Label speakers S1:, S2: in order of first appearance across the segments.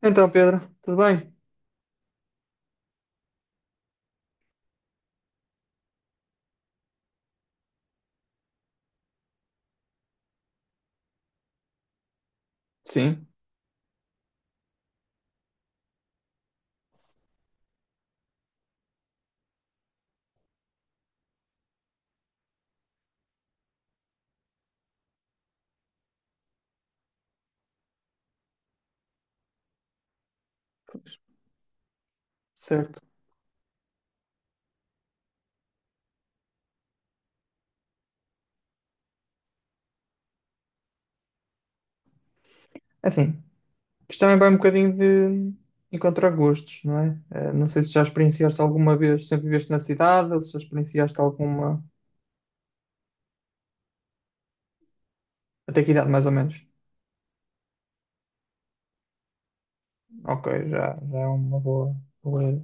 S1: Então, Pedro, tudo bem? Sim. Certo. É assim, isto também vai um bocadinho de encontrar gostos, não é? Não sei se já experienciaste alguma vez, sempre viveste na cidade, ou se já experienciaste alguma. Até que idade, mais ou menos? Ok, já é uma boa, boa.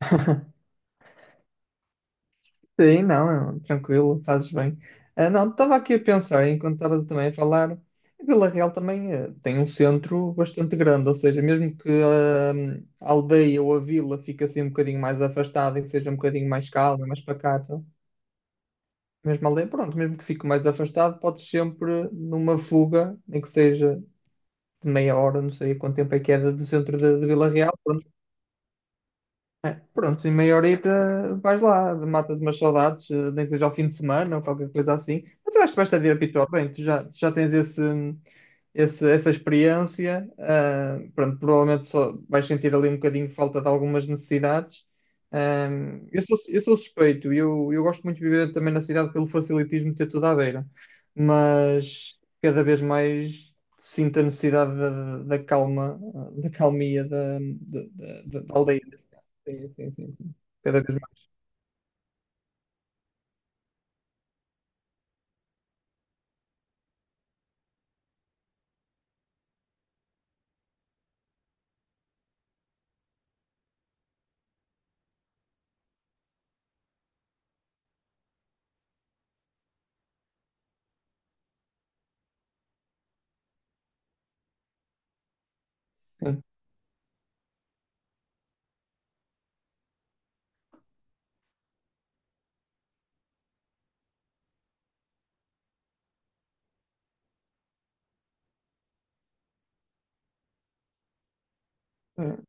S1: Sim, não, é tranquilo, fazes bem. Ah, não, estava aqui a pensar, enquanto estava também a falar, a Vila Real também tem um centro bastante grande, ou seja, mesmo que a aldeia ou a vila fique assim um bocadinho mais afastada e que seja um bocadinho mais calma, mais pacata, mesmo a aldeia, pronto, mesmo que fique mais afastado, podes sempre, numa fuga, nem que seja de meia hora, não sei quanto tempo é que é do centro de Vila Real, pronto. É, pronto, em meia horita vais lá, matas umas saudades, nem que seja ao fim de semana ou qualquer coisa assim. Mas eu acho que vais estar de habituar bem, tu já tens esse, essa experiência. Pronto, provavelmente só vais sentir ali um bocadinho de falta de algumas necessidades. Ah, eu sou suspeito, eu gosto muito de viver também na cidade pelo facilitismo de ter tudo à beira, mas cada vez mais sinto a necessidade da calma, da calmia da aldeia. Sim, sim, sim, sim. Cada vez mais. Sim, hum,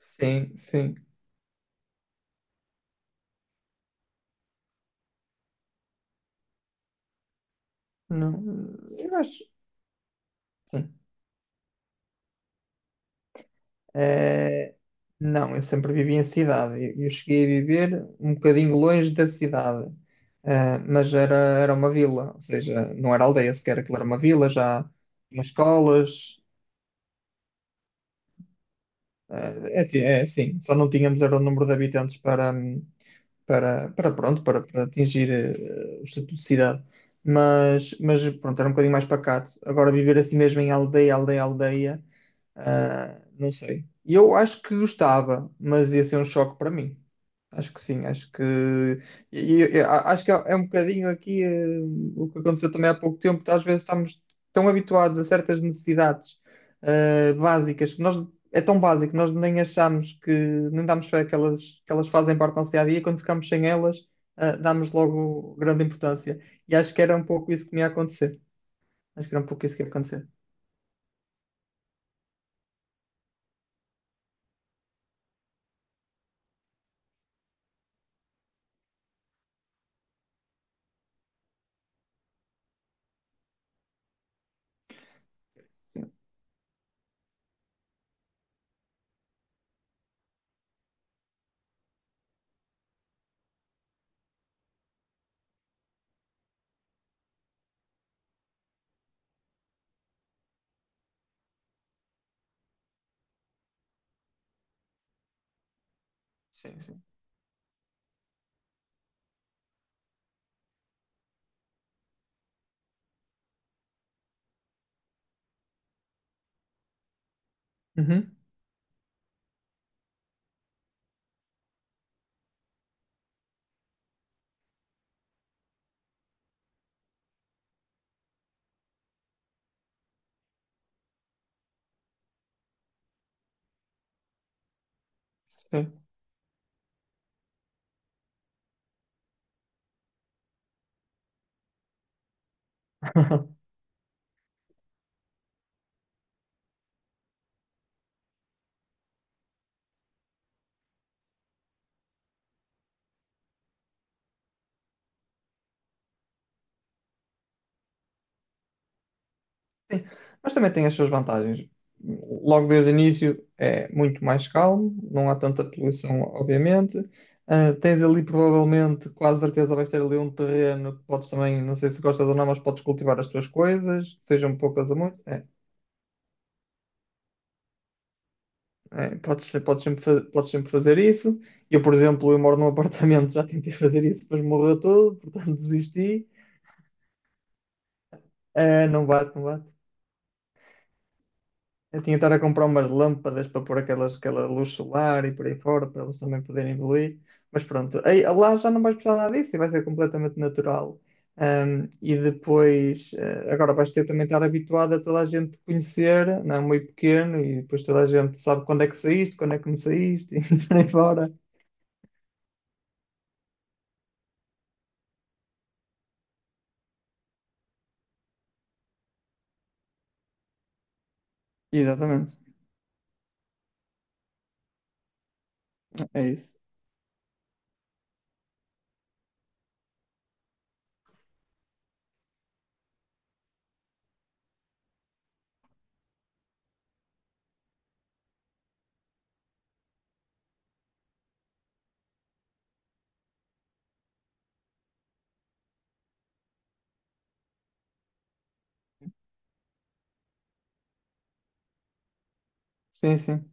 S1: sim. Sim. Não, eu acho. Sim. Eh, não, eu sempre vivi em cidade. Eu cheguei a viver um bocadinho longe da cidade. Mas era uma vila, ou seja, não era aldeia sequer, aquilo era uma vila, já tinha escolas. É, sim, só não tínhamos era o número de habitantes para, para pronto, para atingir o estatuto de cidade. Mas pronto, era um bocadinho mais pacato. Agora viver assim mesmo em aldeia, aldeia, aldeia, não sei. E eu acho que gostava, mas ia ser um choque para mim. Acho que sim, acho que acho que é um bocadinho aqui o que aconteceu também há pouco tempo, que às vezes estamos tão habituados a certas necessidades básicas que nós é tão básico, nós nem achamos que, nem damos fé que elas fazem parte da nossa dia a dia, quando ficamos sem elas, damos logo grande importância. E acho que era um pouco isso que me ia acontecer. Acho que era um pouco isso que ia acontecer. Sim, sim, sim. Uhum. Sim. Sim. Mas também tem as suas vantagens. Logo desde o início é muito mais calmo, não há tanta poluição, obviamente. Ah, tens ali provavelmente, quase certeza, vai ser ali um terreno que podes também, não sei se gostas ou não, mas podes cultivar as tuas coisas, sejam poucas ou muitas. É, podes sempre fazer isso. Eu, por exemplo, eu moro num apartamento, já tentei fazer isso, mas morreu tudo, portanto desisti. Não bate, não bate. Eu tinha de estar a comprar umas lâmpadas para pôr aquelas, aquela luz solar e por aí fora, para eles também poderem evoluir. Mas pronto, aí, lá já não vais precisar nada disso e vai ser completamente natural. E depois, agora vais ter também de estar habituado a toda a gente te conhecer, não é muito pequeno, e depois toda a gente sabe quando é que saíste, quando é que não saíste, e por aí fora. Exatamente. É isso. Sim, sim.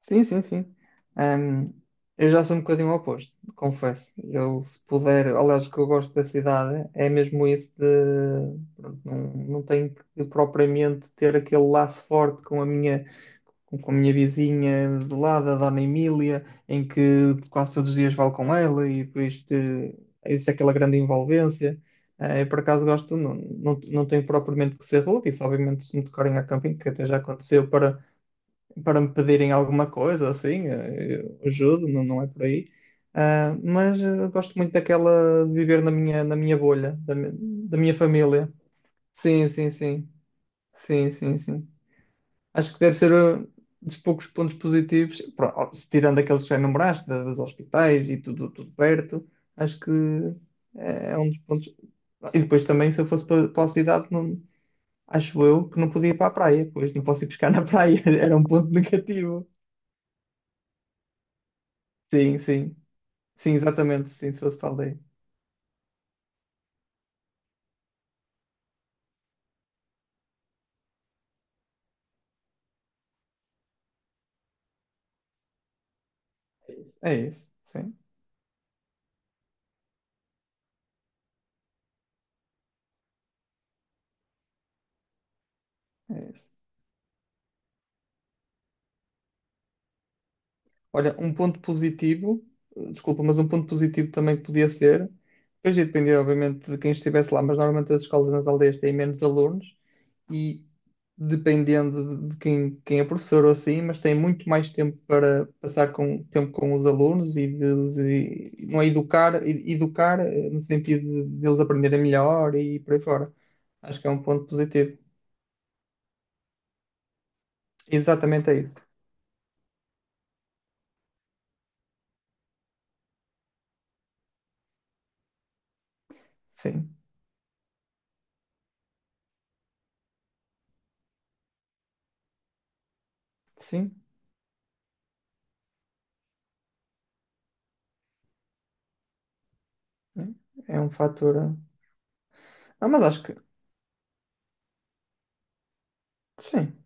S1: Sim, sim, sim. Ahm, eu já sou um bocadinho o oposto, confesso. Eu, se puder, aliás, o que eu gosto da cidade é mesmo isso de, pronto, não, não tenho que propriamente ter aquele laço forte com a minha, com a minha vizinha do lado, a Dona Emília, em que quase todos os dias falo com ela e por isto existe aquela grande envolvência. Eu, por acaso, gosto, não, não, não tenho propriamente que ser rude, isso obviamente se me tocarem a camping, que até já aconteceu para me pedirem alguma coisa, assim, eu ajudo, não, não é por aí. Ah, mas gosto muito daquela de viver na minha, bolha, da minha família. Sim, sim, sim. Sim, sim, sim. Acho que deve ser um dos poucos pontos positivos, ó, se tirando aqueles que já enumeraste, dos hospitais e tudo, tudo perto, acho que é um dos pontos. E depois também, se eu fosse para a cidade, não, acho eu que não podia ir para a praia, pois não posso ir pescar na praia, era um ponto negativo. Sim, sim. Sim, exatamente. Sim, se fosse para a aldeia. É isso, sim, é isso. Olha, um ponto positivo, desculpa, mas um ponto positivo também que podia ser, depois ia depender, obviamente, de quem estivesse lá, mas normalmente as escolas nas aldeias têm menos alunos e dependendo de quem é professor ou assim, mas têm muito mais tempo para passar com, tempo com os alunos e de os não é educar, educar no sentido de, eles aprenderem melhor e por aí fora. Acho que é um ponto positivo. Exatamente é isso. Sim. Sim, é um fator. Eh. Ah, mas acho que sim,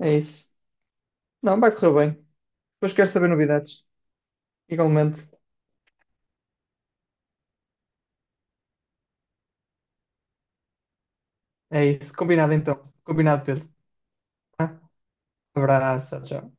S1: é isso. Não, vai correr bem. Depois quero saber novidades. Igualmente, é isso. Combinado então. Combinado, Pedro. Tá? Abraço, tchau.